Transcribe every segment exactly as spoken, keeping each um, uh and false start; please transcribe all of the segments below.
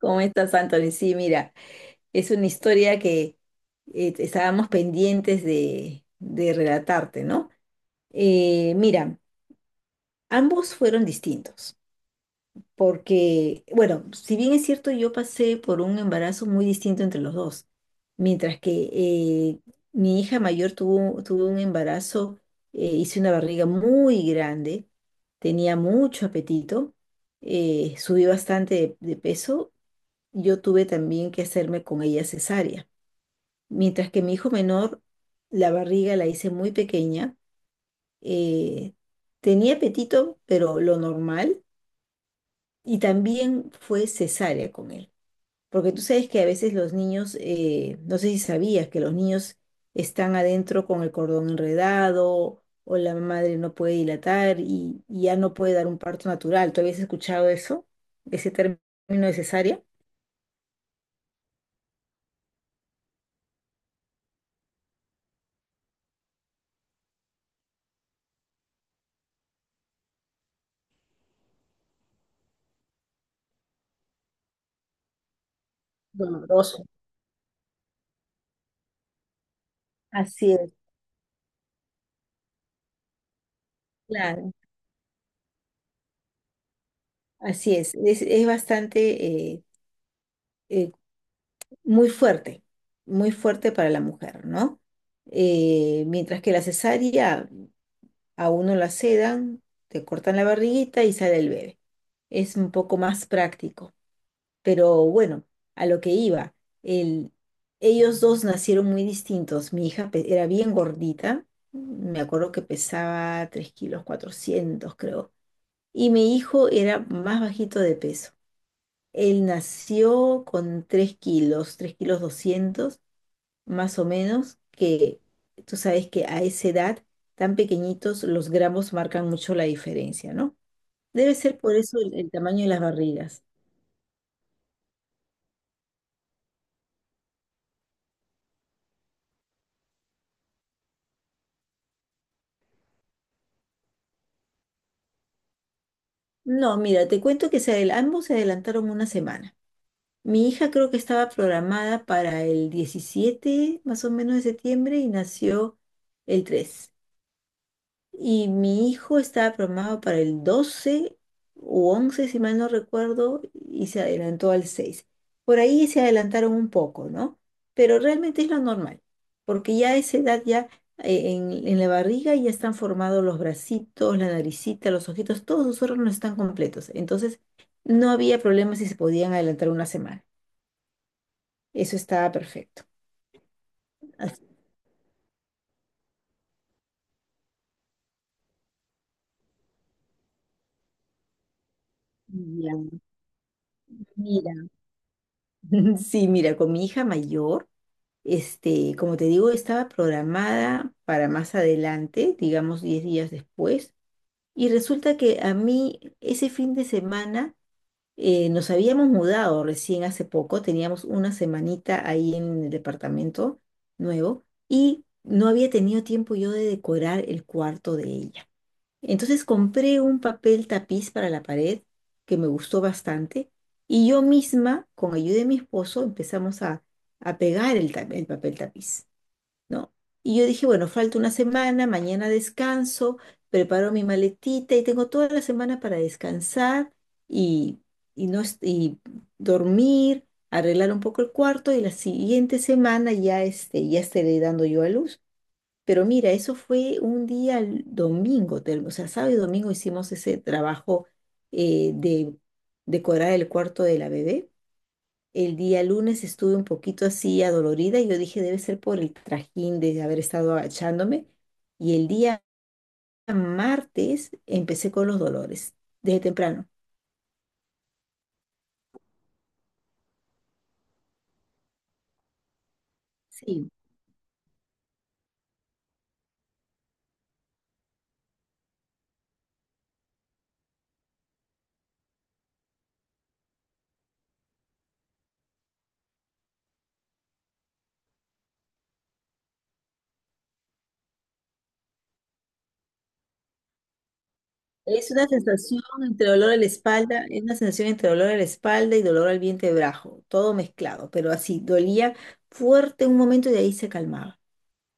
¿Cómo estás, Anthony? Sí, mira, es una historia que eh, estábamos pendientes de, de relatarte, ¿no? Eh, mira, ambos fueron distintos, porque, bueno, si bien es cierto, yo pasé por un embarazo muy distinto entre los dos, mientras que eh, mi hija mayor tuvo, tuvo un embarazo. Eh, hice una barriga muy grande, tenía mucho apetito. Eh, subí bastante de de peso. Yo tuve también que hacerme con ella cesárea. Mientras que mi hijo menor, la barriga la hice muy pequeña. Eh, tenía apetito, pero lo normal, y también fue cesárea con él. Porque tú sabes que a veces los niños, eh, no sé si sabías que los niños están adentro con el cordón enredado, o la madre no puede dilatar y, y ya no puede dar un parto natural. ¿Tú habías escuchado eso? ¿Ese término de cesárea? Doloroso. Así es, claro. Así es. Es, es bastante, eh, eh, muy fuerte, muy fuerte para la mujer, ¿no? Eh, mientras que la cesárea a uno la sedan, te cortan la barriguita y sale el bebé. Es un poco más práctico, pero bueno, a lo que iba, el- ellos dos nacieron muy distintos. Mi hija pe- era bien gordita. Me acuerdo que pesaba tres kilos cuatrocientos, creo. Y mi hijo era más bajito de peso. Él nació con tres kilos, tres kilos doscientos más o menos. Que tú sabes que a esa edad, tan pequeñitos, los gramos marcan mucho la diferencia, ¿no? Debe ser por eso el, el tamaño de las barrigas. No, mira, te cuento que se adel- ambos se adelantaron una semana. Mi hija, creo, que estaba programada para el diecisiete más o menos, de septiembre, y nació el tres. Y mi hijo estaba programado para el doce u once, si mal no recuerdo, y se adelantó al seis. Por ahí se adelantaron un poco, ¿no? Pero realmente es lo normal, porque ya a esa edad, ya eh, en, en la barriga ya están formados los bracitos, la naricita, los ojitos, todos los órganos están completos. Entonces, no había problema si se podían adelantar una semana. Eso estaba perfecto. Así- Ya, mira. Sí, mira, con mi hija mayor. Este, como te digo, estaba programada para más adelante, digamos diez días después. Y resulta que a mí, ese fin de semana, eh, nos habíamos mudado recién hace poco, teníamos una semanita ahí en el departamento nuevo, y no había tenido tiempo yo de decorar el cuarto de ella. Entonces compré un papel tapiz para la pared que me gustó bastante, y yo misma, con ayuda de mi esposo, empezamos a, a pegar el ta- el papel tapiz. ¿No? Y yo dije, bueno, falta una semana, mañana descanso, preparo mi maletita y tengo toda la semana para descansar y, y no, est- y dormir, arreglar un poco el cuarto, y la siguiente semana ya, este, ya estaré dando yo a luz. Pero mira, eso fue un día l- domingo, te- o sea, sábado y domingo hicimos ese trabajo, eh, de decorar el cuarto de la bebé. El día lunes estuve un poquito así adolorida, y yo dije debe ser por el trajín de haber estado agachándome. Y el día martes empecé con los dolores, desde temprano. Sí, es una sensación entre dolor a la espalda, es una sensación entre dolor a la espalda y dolor al vientre bajo, todo mezclado, pero así, dolía fuerte un momento y de ahí se calmaba.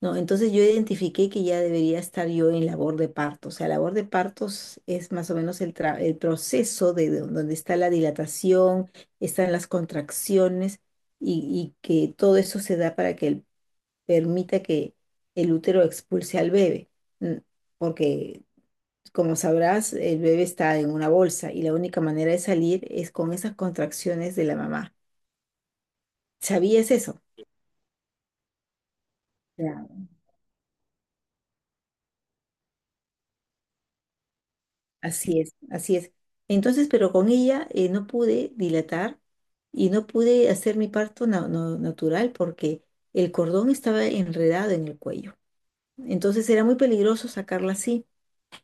No, entonces yo identifiqué que ya debería estar yo en labor de parto. O sea, labor de partos es más o menos el, tra- el proceso de, de donde está la dilatación, están las contracciones y, y que todo eso se da para que el- permita que el útero expulse al bebé. Mm, Porque, como sabrás, el bebé está en una bolsa y la única manera de salir es con esas contracciones de la mamá. ¿Sabías eso? Así es, así es. Entonces, pero con ella, eh, no pude dilatar y no pude hacer mi parto na- no- natural, porque el cordón estaba enredado en el cuello. Entonces era muy peligroso sacarla así,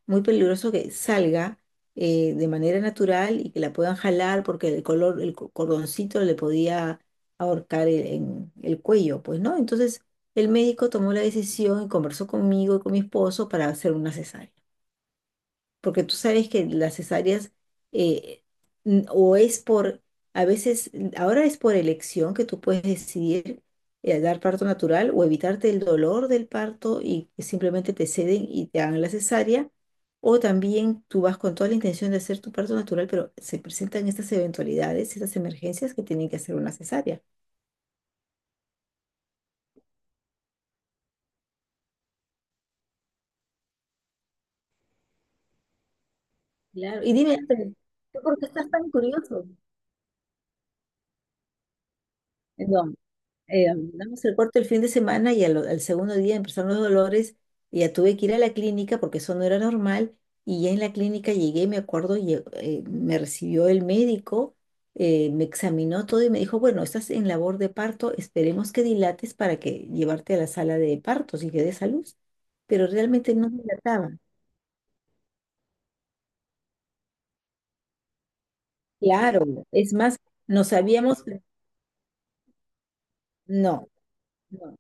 muy peligroso que salga, eh, de manera natural, y que la puedan jalar, porque el color, el co- cordoncito le podía ahorcar el, en el cuello, pues, ¿no? Entonces el médico tomó la decisión y conversó conmigo y con mi esposo para hacer una cesárea. Porque tú sabes que las cesáreas, eh, n- o es por, a veces, ahora es por elección, que tú puedes decidir, eh, dar parto natural o evitarte el dolor del parto y simplemente te ceden y te hagan la cesárea, o también tú vas con toda la intención de hacer tu parto natural, pero se presentan estas eventualidades, estas emergencias que tienen que hacer una cesárea. Claro. Y dime, Ángel, ¿tú por qué estás tan curioso? No. eh, damos el corte el fin de semana, y al, al segundo día empezaron los dolores, y ya tuve que ir a la clínica porque eso no era normal. Y ya en la clínica llegué, me acuerdo. Lle- eh, me recibió el médico, eh, me examinó todo y me dijo, bueno, estás en labor de parto, esperemos que dilates para que llevarte a la sala de partos y que des a luz, pero realmente no dilataba. Claro, es más. nos habíamos, no. No,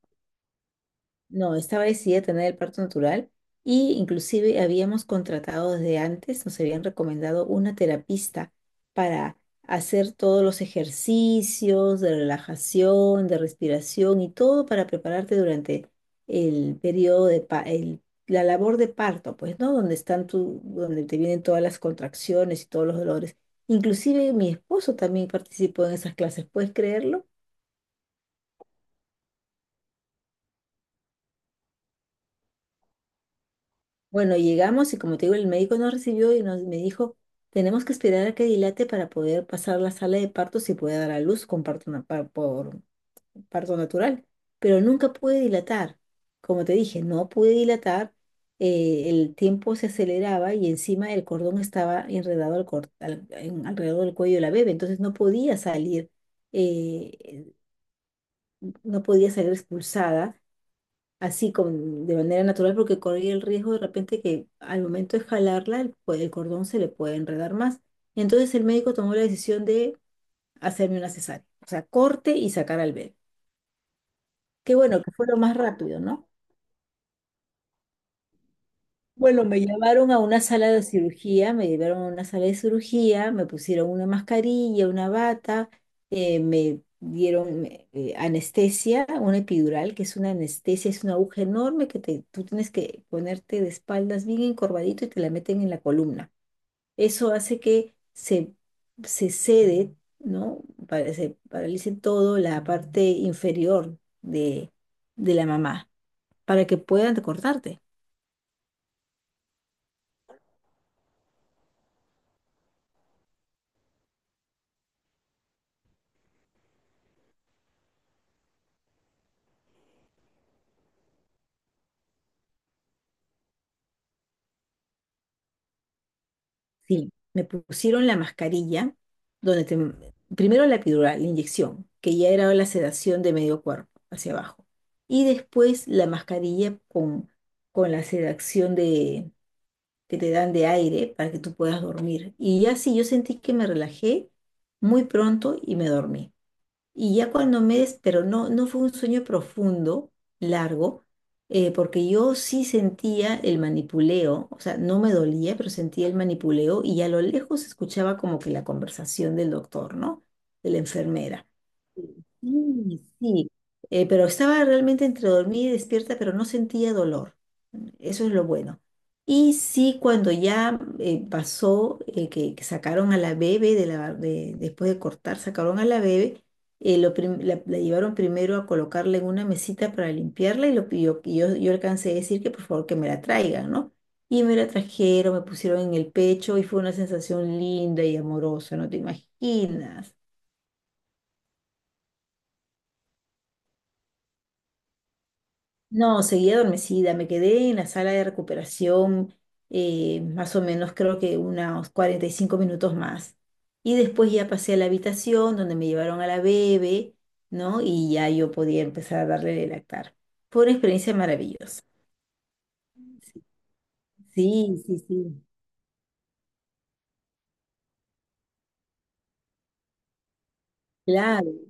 no, estaba decidida a tener el parto natural, y inclusive habíamos contratado desde antes, nos habían recomendado una terapista para hacer todos los ejercicios de relajación, de respiración y todo para prepararte durante el periodo de pa- el- la labor de parto, pues, ¿no? Donde están tu, donde te vienen todas las contracciones y todos los dolores. Inclusive mi esposo también participó en esas clases, ¿puedes creerlo? Bueno, llegamos y como te digo, el médico nos recibió y nos, me dijo, tenemos que esperar a que dilate para poder pasar a la sala de partos y poder dar a luz con parto, na- par- por parto natural. Pero nunca pude dilatar. Como te dije, no pude dilatar. Eh, el tiempo se aceleraba, y encima el cordón estaba enredado al cor- al- en- alrededor del cuello de la bebé. Entonces no podía salir, eh, no podía salir expulsada así con, de manera natural, porque corría el riesgo de repente que al momento de jalarla el, co- el cordón se le puede enredar más. Entonces el médico tomó la decisión de hacerme una cesárea, o sea, corte y sacar al bebé. Qué bueno, que fue lo más rápido, ¿no? Bueno, me llevaron a una sala de cirugía, me llevaron a una sala de cirugía, me pusieron una mascarilla, una bata, eh, me dieron eh, eh, anestesia, una epidural, que es una anestesia, es una aguja enorme que te, tú tienes que ponerte de espaldas bien encorvadito y te la meten en la columna. Eso hace que se, se cede, ¿no? Para- se paralice todo la parte inferior de, de la mamá, para que puedan cortarte. Sí, me pusieron la mascarilla, donde te, primero la epidural, la inyección, que ya era la sedación de medio cuerpo hacia abajo. Y después la mascarilla con, con la sedación de, que te dan de aire para que tú puedas dormir. Y ya sí, yo sentí que me relajé muy pronto y me dormí. Y ya cuando me des, pero no, no fue un sueño profundo, largo. Eh, porque yo sí sentía el manipuleo, o sea, no me dolía, pero sentía el manipuleo, y a lo lejos escuchaba como que la conversación del doctor, ¿no? De la enfermera. Sí, sí. Eh, pero estaba realmente entre dormida y despierta, pero no sentía dolor. Eso es lo bueno. Y sí, cuando ya eh, pasó, eh, que, que sacaron a la bebé, de la, de- después de cortar, sacaron a la bebé, eh, lo prim- la, la llevaron primero a colocarla en una mesita para limpiarla, y, lo, y yo, y yo, yo alcancé a decir que por favor que me la traigan, ¿no? Y me la trajeron, me pusieron en el pecho, y fue una sensación linda y amorosa, no te imaginas. No, seguía adormecida, me quedé en la sala de recuperación, eh, más o menos creo que unos cuarenta y cinco minutos más. Y después ya pasé a la habitación donde me llevaron a la bebé, ¿no? Y ya yo podía empezar a darle de lactar. Fue una experiencia maravillosa. Sí, sí, sí. Claro,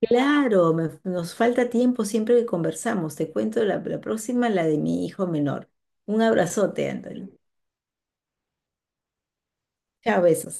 claro. Me- nos falta tiempo siempre que conversamos. Te cuento la, la próxima, la de mi hijo menor. Un abrazote, Antonio. Chao, besos.